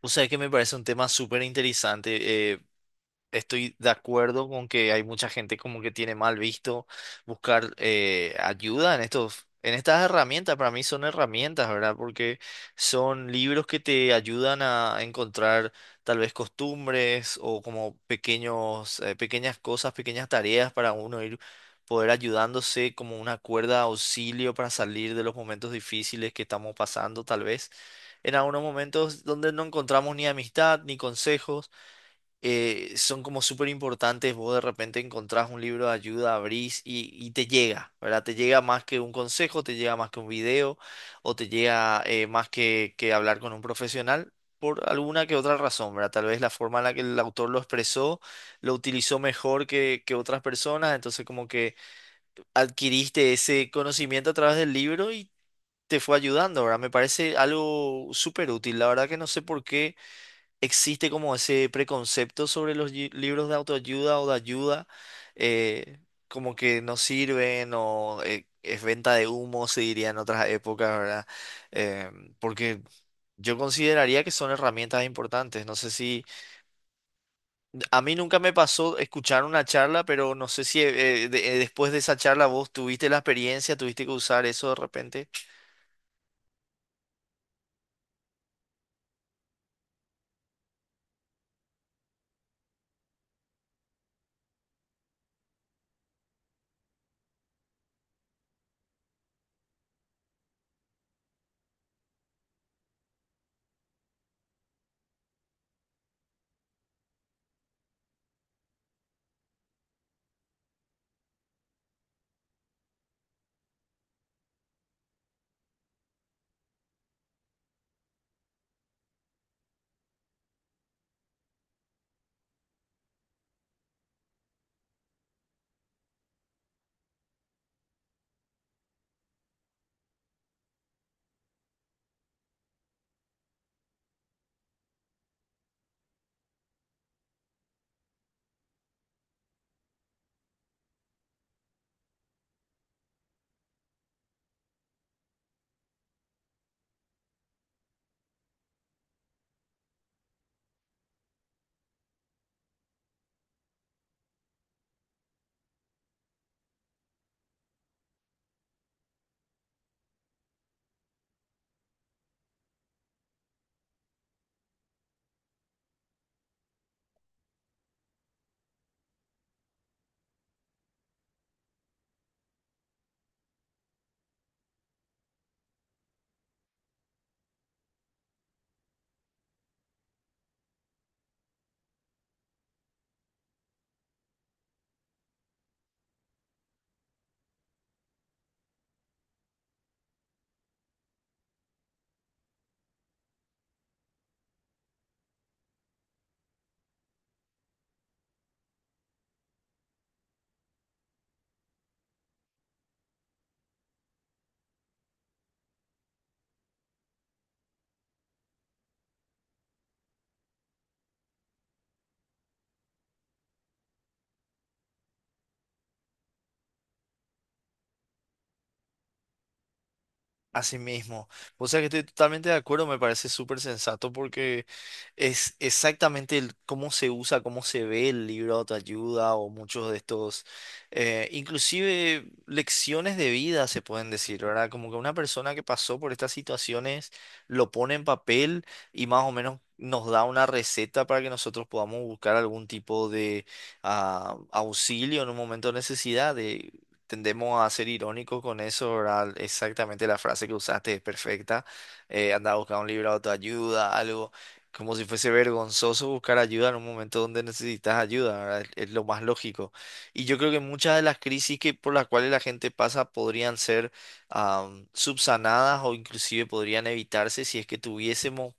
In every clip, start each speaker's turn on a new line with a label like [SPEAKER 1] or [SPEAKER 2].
[SPEAKER 1] O sea, que me parece un tema súper interesante. Estoy de acuerdo con que hay mucha gente como que tiene mal visto buscar ayuda en estos, en estas herramientas. Para mí son herramientas, ¿verdad? Porque son libros que te ayudan a encontrar tal vez costumbres o como pequeños, pequeñas cosas, pequeñas tareas para uno ir poder ayudándose como una cuerda de auxilio para salir de los momentos difíciles que estamos pasando, tal vez en algunos momentos donde no encontramos ni amistad ni consejos. Son como súper importantes. Vos de repente encontrás un libro de ayuda, abrís y, te llega, ¿verdad? Te llega más que un consejo, te llega más que un video o te llega más que hablar con un profesional por alguna que otra razón, ¿verdad? Tal vez la forma en la que el autor lo expresó, lo utilizó mejor que otras personas, entonces como que adquiriste ese conocimiento a través del libro y te fue ayudando, ¿verdad? Me parece algo súper útil. La verdad que no sé por qué existe como ese preconcepto sobre los libros de autoayuda o de ayuda, eh, como que no sirven o es venta de humo, se diría en otras épocas, ¿verdad? Eh, Porque yo consideraría que son herramientas importantes. No sé si... A mí nunca me pasó escuchar una charla, pero no sé si después de esa charla vos tuviste la experiencia, tuviste que usar eso de repente. Así mismo. O sea que estoy totalmente de acuerdo, me parece súper sensato porque... Es exactamente cómo se usa, cómo se ve el libro de autoayuda o muchos de estos, inclusive lecciones de vida se pueden decir, ¿verdad? Como que una persona que pasó por estas situaciones lo pone en papel y más o menos nos da una receta para que nosotros podamos buscar algún tipo de auxilio en un momento de necesidad. De, tendemos a ser irónicos con eso, ¿verdad? Exactamente la frase que usaste es perfecta. Anda a buscar un libro de autoayuda, algo como si fuese vergonzoso buscar ayuda en un momento donde necesitas ayuda, ¿verdad? Es lo más lógico. Y yo creo que muchas de las crisis que por las cuales la gente pasa podrían ser subsanadas o inclusive podrían evitarse si es que tuviésemos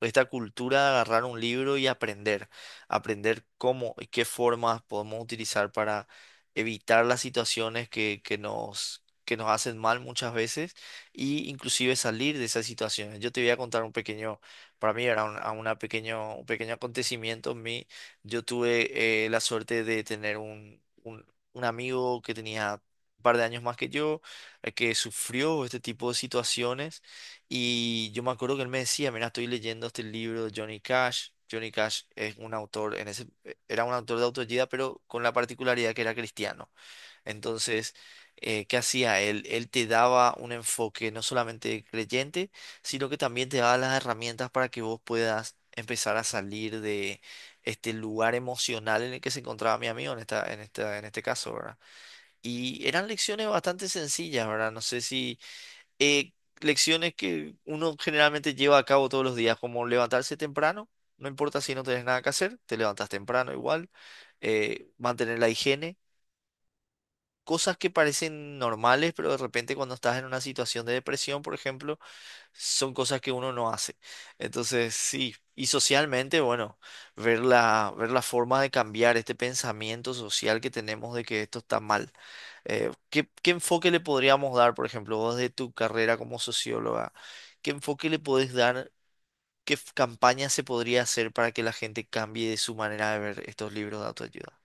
[SPEAKER 1] esta cultura de agarrar un libro y aprender, aprender cómo y qué formas podemos utilizar para evitar las situaciones que nos hacen mal muchas veces y inclusive salir de esas situaciones. Yo te voy a contar un pequeño, para mí era un pequeño acontecimiento en mí. Yo tuve la suerte de tener un amigo que tenía un par de años más que yo, que sufrió este tipo de situaciones y yo me acuerdo que él me decía, mira, estoy leyendo este libro de Johnny Cash. Johnny Cash es un autor, era un autor de autoayuda, pero con la particularidad que era cristiano. Entonces, ¿qué hacía él? Él te daba un enfoque no solamente creyente, sino que también te daba las herramientas para que vos puedas empezar a salir de este lugar emocional en el que se encontraba mi amigo en en este caso, ¿verdad? Y eran lecciones bastante sencillas, ¿verdad? No sé si eh, lecciones que uno generalmente lleva a cabo todos los días, como levantarse temprano, no importa si no tenés nada que hacer, te levantas temprano igual, mantener la higiene, cosas que parecen normales, pero de repente cuando estás en una situación de depresión, por ejemplo, son cosas que uno no hace. Entonces, sí, y socialmente, bueno, ver ver la forma de cambiar este pensamiento social que tenemos de que esto está mal. Qué enfoque le podríamos dar, por ejemplo, vos de tu carrera como socióloga? ¿Qué enfoque le podés dar? ¿Qué campaña se podría hacer para que la gente cambie de su manera de ver estos libros de autoayuda?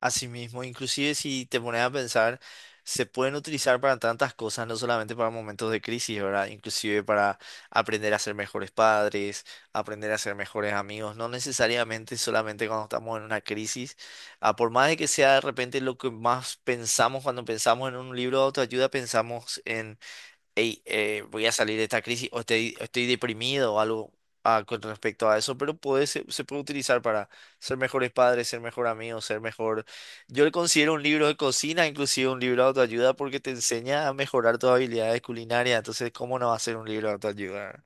[SPEAKER 1] Así mismo, inclusive si te pones a pensar, se pueden utilizar para tantas cosas, no solamente para momentos de crisis, ¿verdad? Inclusive para aprender a ser mejores padres, aprender a ser mejores amigos, no necesariamente solamente cuando estamos en una crisis. Ah, por más de que sea de repente lo que más pensamos cuando pensamos en un libro de autoayuda, pensamos, hey, voy a salir de esta crisis o estoy, estoy deprimido o algo con respecto a eso, pero puede, se puede utilizar para ser mejores padres, ser mejor amigos, ser mejor... Yo le considero un libro de cocina, inclusive un libro de autoayuda, porque te enseña a mejorar tus habilidades culinarias, entonces, ¿cómo no va a ser un libro de autoayuda?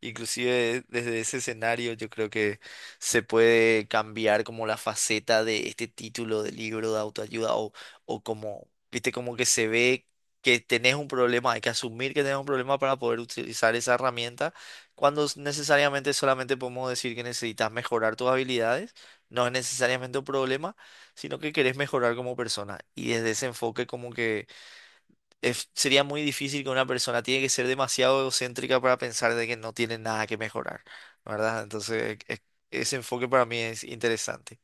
[SPEAKER 1] Inclusive desde ese escenario yo creo que se puede cambiar como la faceta de este título de libro de autoayuda o como, viste, como que se ve que tenés un problema, hay que asumir que tenés un problema para poder utilizar esa herramienta, cuando necesariamente solamente podemos decir que necesitas mejorar tus habilidades, no es necesariamente un problema, sino que querés mejorar como persona. Y desde ese enfoque como que sería muy difícil, que una persona tiene que ser demasiado egocéntrica para pensar de que no tiene nada que mejorar, ¿verdad? Entonces, ese enfoque para mí es interesante.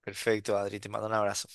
[SPEAKER 1] Perfecto, Adri, te mando un abrazo.